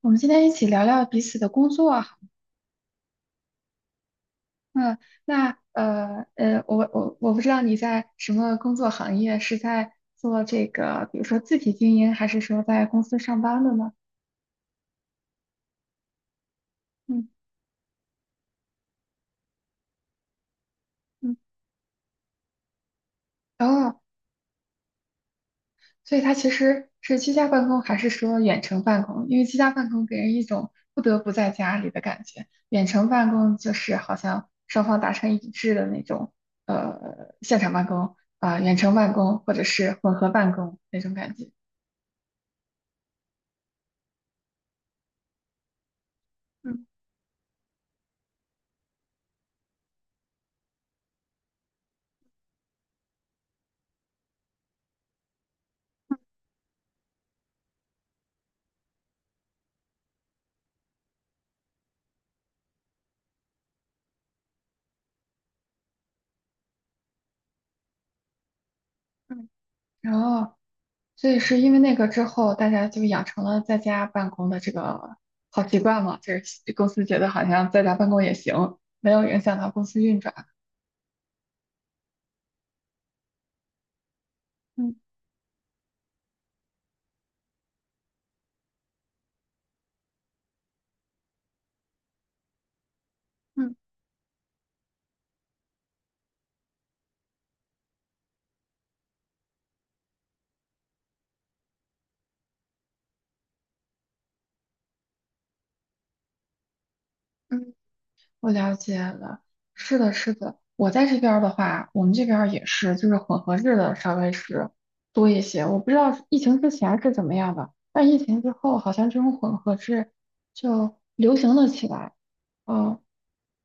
我们今天一起聊聊彼此的工作啊。嗯，那我不知道你在什么工作行业，是在做这个，比如说自己经营，还是说在公司上班的呢？嗯嗯，哦，所以它其实是居家办公，还是说远程办公？因为居家办公给人一种不得不在家里的感觉，远程办公就是好像双方达成一致的那种，现场办公啊，远程办公或者是混合办公那种感觉。嗯嗯。然后，所以是因为那个之后，大家就养成了在家办公的这个好习惯嘛。就是公司觉得好像在家办公也行，没有影响到公司运转。嗯嗯嗯，我了解了。是的，是的。我在这边儿的话，我们这边儿也是，就是混合制的稍微是多一些。我不知道疫情之前是怎么样的，但疫情之后，好像这种混合制就流行了起来。嗯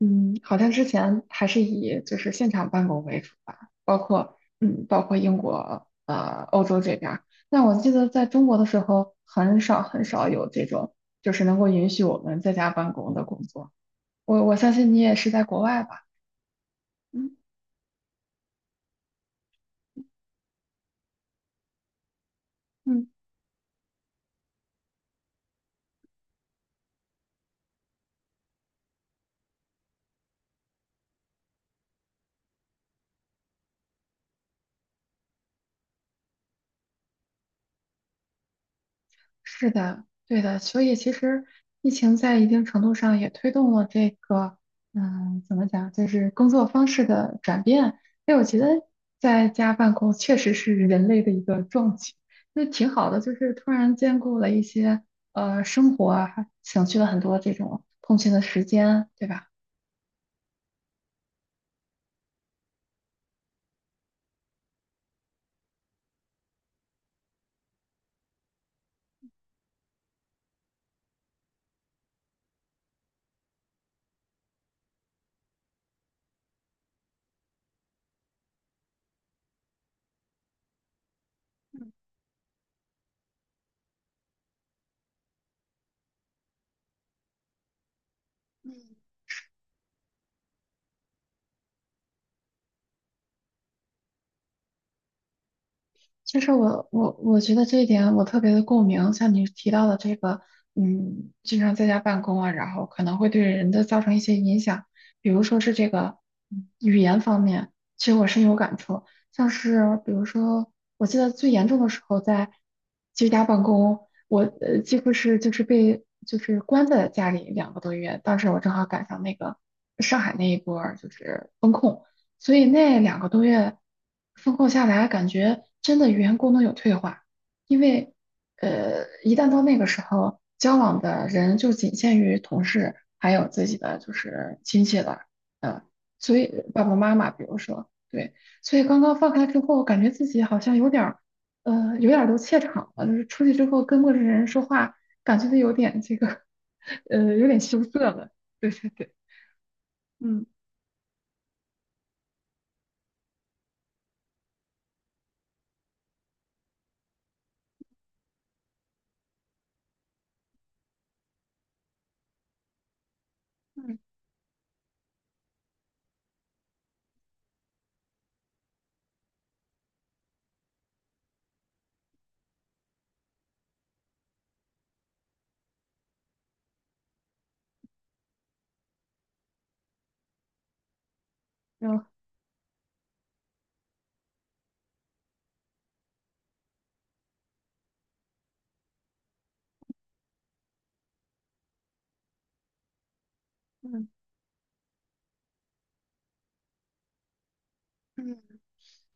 嗯，好像之前还是以就是现场办公为主吧，包括嗯，包括英国、欧洲这边儿。但我记得在中国的时候，很少很少有这种就是能够允许我们在家办公的工作。我相信你也是在国外吧？嗯嗯。是的，对的，所以其实疫情在一定程度上也推动了这个，嗯，怎么讲，就是工作方式的转变。因为我觉得在家办公确实是人类的一个壮举，那挺好的，就是突然兼顾了一些生活啊，还省去了很多这种通勤的时间，对吧？其实我觉得这一点我特别的共鸣，像你提到的这个，嗯，经常在家办公啊，然后可能会对人的造成一些影响，比如说是这个语言方面，其实我深有感触。像是比如说，我记得最严重的时候在居家办公，我几乎是就是被就是关在家里两个多月，当时我正好赶上那个上海那一波儿就是封控。所以那两个多月风控下来，感觉真的语言功能有退化，因为一旦到那个时候，交往的人就仅限于同事，还有自己的就是亲戚了，嗯，所以爸爸妈妈，比如说，对，所以刚刚放开之后，感觉自己好像有点儿，有点儿都怯场了，就是出去之后跟陌生人说话，感觉都有点这个，有点羞涩了，对对对，嗯嗯，然后嗯嗯。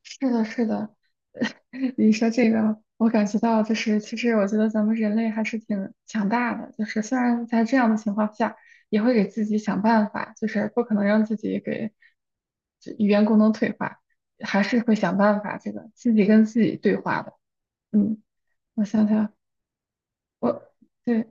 是的，是的，你说这个，我感觉到就是，其实我觉得咱们人类还是挺强大的，就是虽然在这样的情况下，也会给自己想办法，就是不可能让自己给这语言功能退化，还是会想办法这个自己跟自己对话的。嗯，我想想，我对，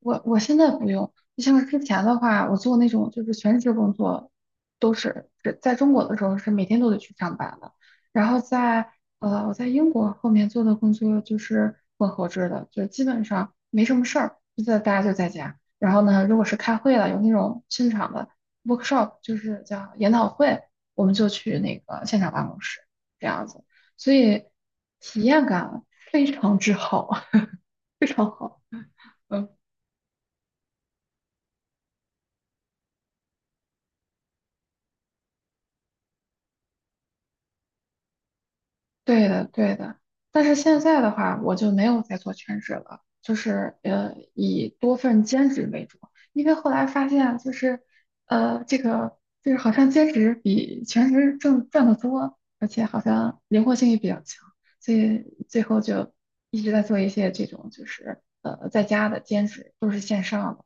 我现在不用，就像是之前的话，我做那种就是全职工作，都是是在中国的时候是每天都得去上班的。然后在我在英国后面做的工作就是混合制的，就基本上没什么事儿，就在大家就在家。然后呢，如果是开会了，有那种现场的 workshop,就是叫研讨会，我们就去那个现场办公室这样子，所以体验感非常之好，非常好。嗯。对的，对的。但是现在的话，我就没有再做全职了，就是以多份兼职为主。因为后来发现，就是这个就是好像兼职比全职挣赚的多，而且好像灵活性也比较强，所以最后就一直在做一些这种就是在家的兼职，都是线上的，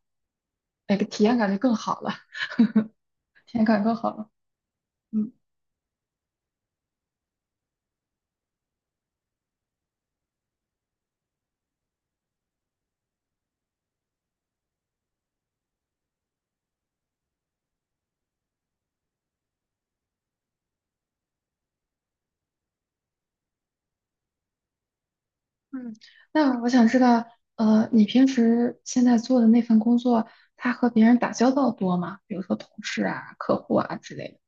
那个体验感就更好了，体验感更好了。嗯。嗯，那我想知道，你平时现在做的那份工作，他和别人打交道多吗？比如说同事啊、客户啊之类的。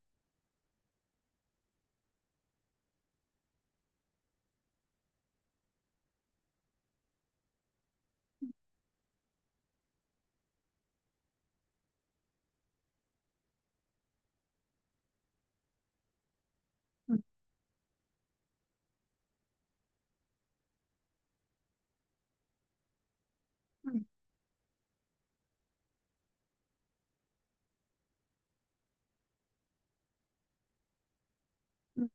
嗯嗯嗯。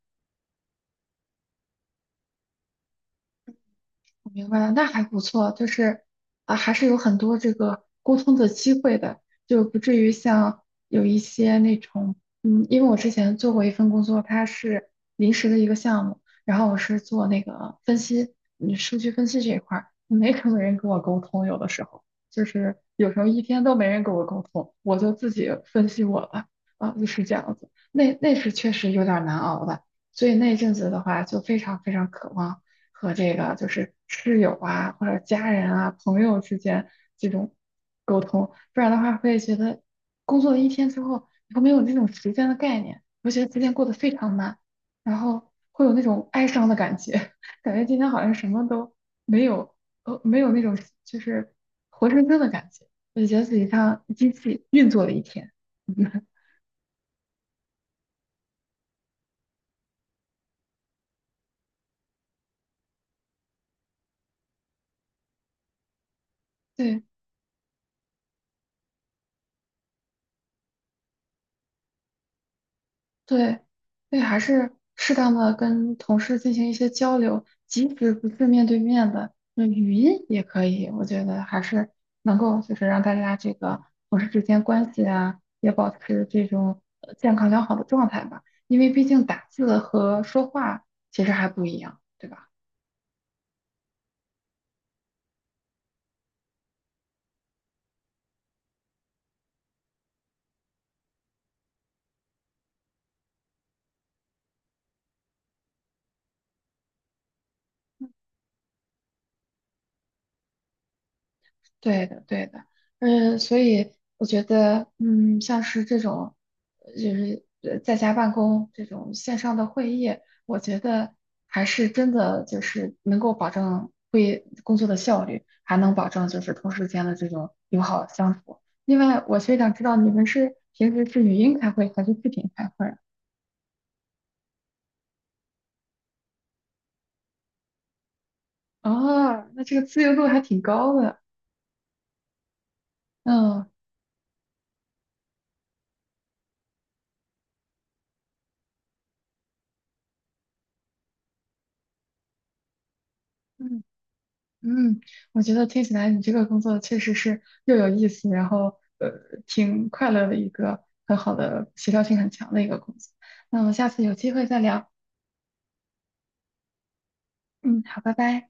我明白了，那还不错，就是啊，还是有很多这个沟通的机会的，就不至于像有一些那种，嗯，因为我之前做过一份工作，它是临时的一个项目，然后我是做那个分析，嗯，数据分析这一块儿，没什么 人跟我沟通，有的时候就是有时候一天都没人跟我沟通，我就自己分析我了，啊，就是这样子，那那是确实有点儿难熬的，所以那阵子的话，就非常非常渴望。和这个就是室友啊或者家人啊朋友之间这种沟通，不然的话会觉得工作了一天之后，你会没有那种时间的概念，会觉得时间过得非常慢，然后会有那种哀伤的感觉，感觉今天好像什么都没有，没有那种就是活生生的感觉，我就觉得自己像机器运作了一天。对，对，所以还是适当的跟同事进行一些交流，即使不是面对面的，那语音也可以。我觉得还是能够就是让大家这个同事之间关系啊，也保持这种健康良好的状态吧。因为毕竟打字和说话其实还不一样，对吧？对的，对的，嗯，所以我觉得，嗯，像是这种，在家办公这种线上的会议，我觉得还是真的就是能够保证会工作的效率，还能保证就是同事间的这种友好相处。另外，我非想知道你们是平时是语音开会还是视频开会啊？哦，那这个自由度还挺高的，嗯嗯。嗯，我觉得听起来你这个工作确实是又有意思，然后挺快乐的一个很好的协调性很强的一个工作。那我们下次有机会再聊。嗯，好，拜拜。